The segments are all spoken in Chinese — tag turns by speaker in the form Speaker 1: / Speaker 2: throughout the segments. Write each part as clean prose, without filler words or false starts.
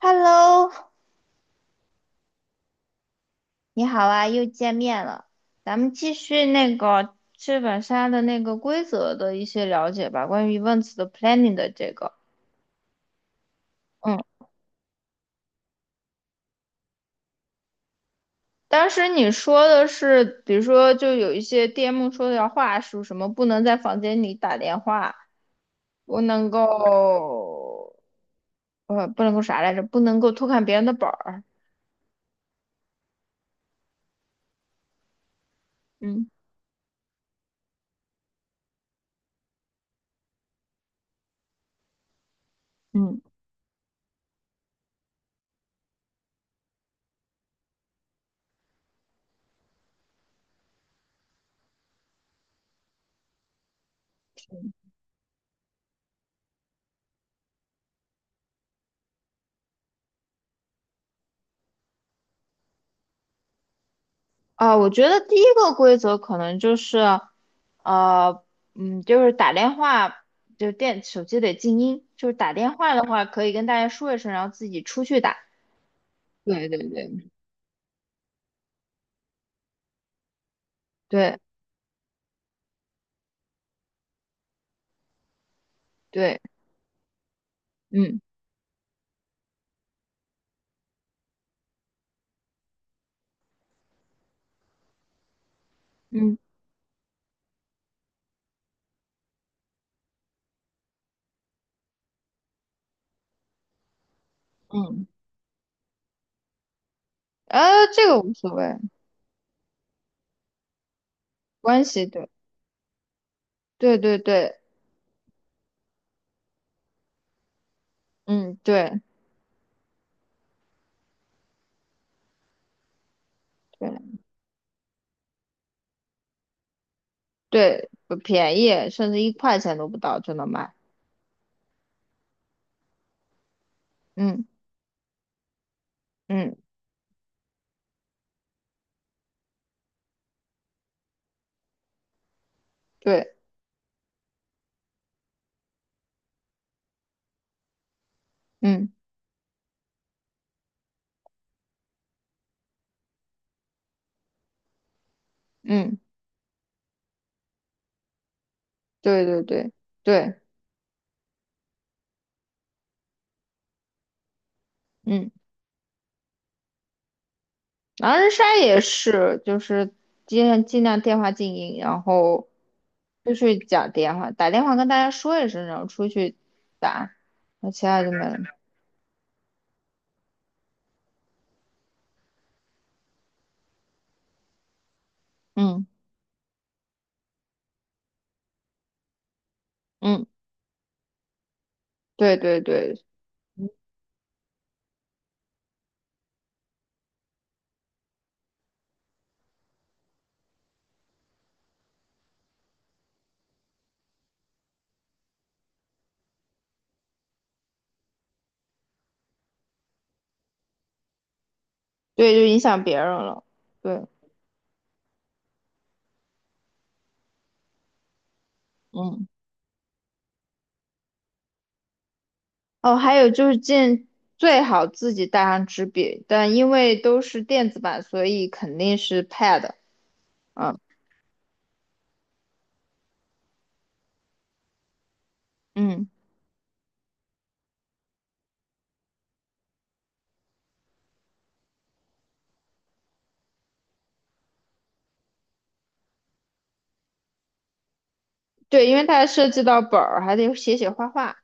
Speaker 1: Hello，你好啊，又见面了。咱们继续那个剧本杀的那个规则的一些了解吧，关于 events 的 planning 的这个。嗯，当时你说的是，比如说就有一些 DM 说的要话术，什么不能在房间里打电话，不能够，不能够啥来着，不能够偷看别人的本儿。嗯嗯。啊，我觉得第一个规则可能就是，呃，就是打电话，就电手机得静音，就是打电话的话可以跟大家说一声，然后自己出去打。对对对，对对，嗯嗯嗯，这个无所谓，关系对对对对，嗯对对对，不便宜，甚至1块钱都不到就能买。嗯嗯，对，嗯嗯，对对对对，嗯。狼人杀也是，就是尽量尽量电话静音，然后就是讲电话，打电话跟大家说一声，然后出去打，那其他就没了。嗯嗯，对对对对，就影响别人了。对，嗯。哦，还有就是最好自己带上纸笔，但因为都是电子版，所以肯定是 pad。嗯嗯，对，因为它还涉及到本儿，还得写写画画。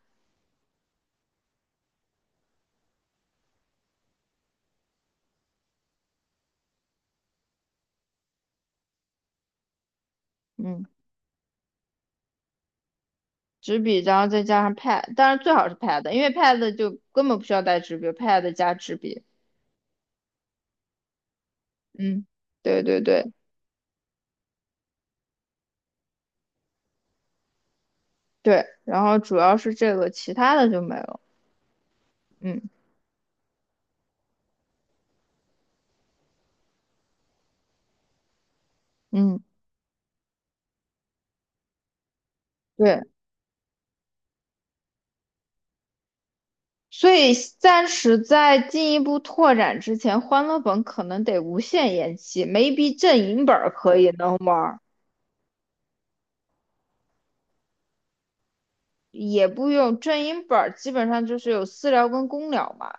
Speaker 1: 嗯。纸笔，然后再加上 pad，当然最好是 pad，因为 pad 就根本不需要带纸笔，pad 加纸笔。嗯，对对对对，然后主要是这个，其他的就没有。嗯嗯，对，所以暂时在进一步拓展之前，欢乐本可能得无限延期没 a 阵营本儿可以能玩。也不用正音本儿，基本上就是有私聊跟公聊嘛。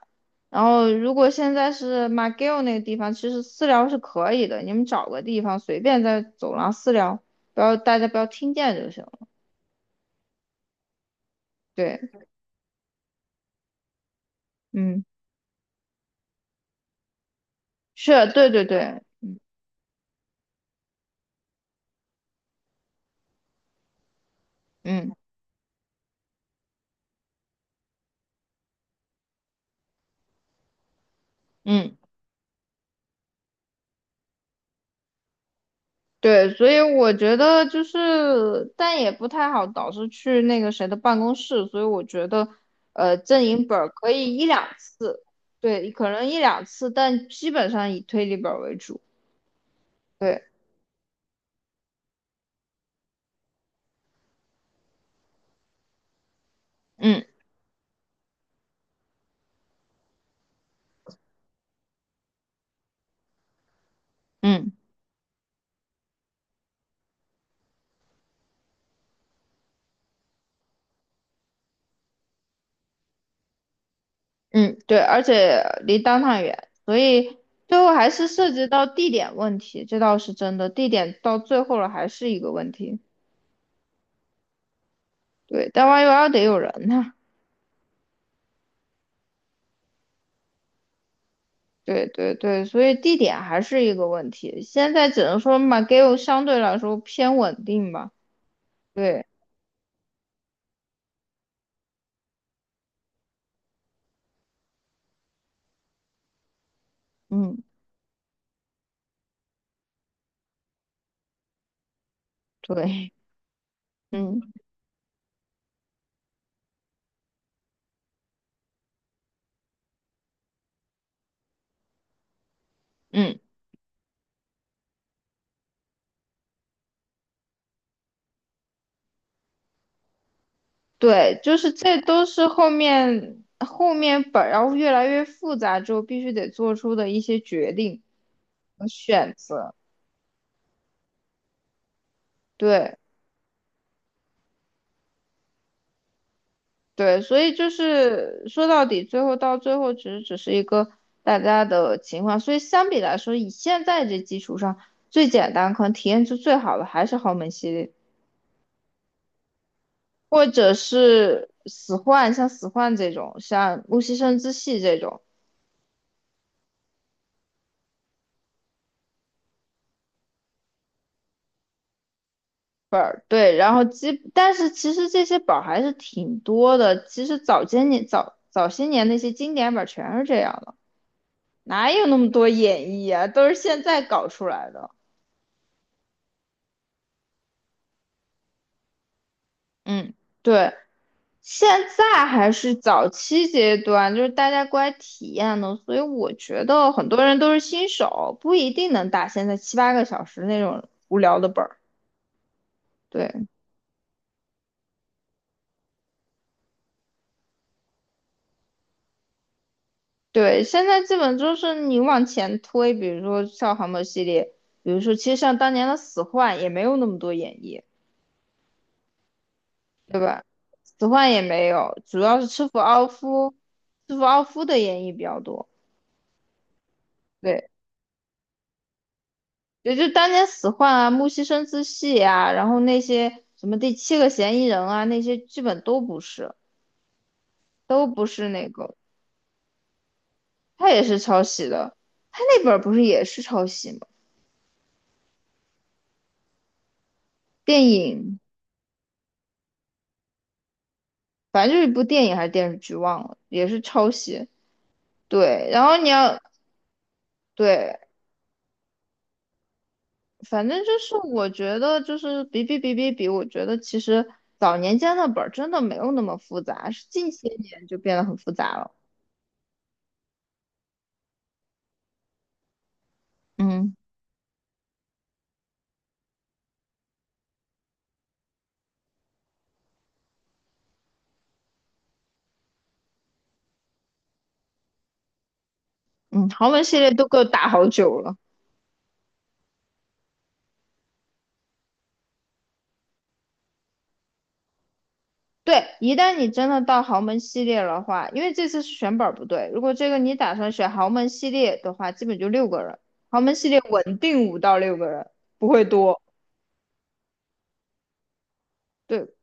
Speaker 1: 然后如果现在是马 c g 那个地方，其实私聊是可以的，你们找个地方随便在走廊私聊，不要大家不要听见就行了。对，嗯，是，对对对，嗯嗯，对，所以我觉得就是，但也不太好导师去那个谁的办公室，所以我觉得，正音本儿可以一两次，对，可能一两次，但基本上以推理本儿为主。对，嗯嗯嗯，对，而且离 d o 远，所以最后还是涉及到地点问题，这倒是真的，地点到最后了还是一个问题。对，但弯 u L 得有人呐。对对对，所以地点还是一个问题。现在只能说嘛 a g a l 相对来说偏稳定吧。对，嗯，对，嗯嗯，对，就是这都是后面本儿要越来越复杂之后必须得做出的一些决定。和选择。对对，所以就是说到底，最后到最后，其实只是一个大家的情况。所以相比来说，以现在这基础上，最简单可能体验就最好的还是豪门系列，或者是死幻，像死幻这种，像木西生之系这种本儿。对，然后但是其实这些本儿还是挺多的。其实早些年那些经典本儿全是这样的，哪有那么多演绎啊？都是现在搞出来的。嗯。对，现在还是早期阶段，就是大家过来体验的，所以我觉得很多人都是新手，不一定能打现在7、8个小时那种无聊的本儿。对对，现在基本就是你往前推，比如说像航母系列，比如说其实像当年的死幻也没有那么多演绎，对吧？死幻也没有，主要是吃服奥夫，吃服奥夫的演绎比较多。对。也就当年死患啊、木西生姿系啊，然后那些什么第七个嫌疑人啊，那些基本都不是，都不是那个，他也是抄袭的，他那本儿不是也是抄袭吗？电影，反正就是一部电影还是电视剧，忘了，也是抄袭。对，然后你要对，反正就是我觉得就是比比比比比，我觉得其实早年间的本儿真的没有那么复杂，是近些年就变得很复杂了。嗯嗯，豪门系列都给我打好久了。对，一旦你真的到豪门系列的话，因为这次是选本儿不对，如果这个你打算选豪门系列的话，基本就六个人，豪门系列稳定5到6个人，不会多。对，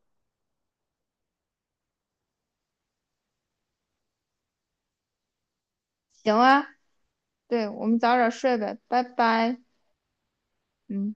Speaker 1: 行啊，对，我们早点睡呗，拜拜。嗯。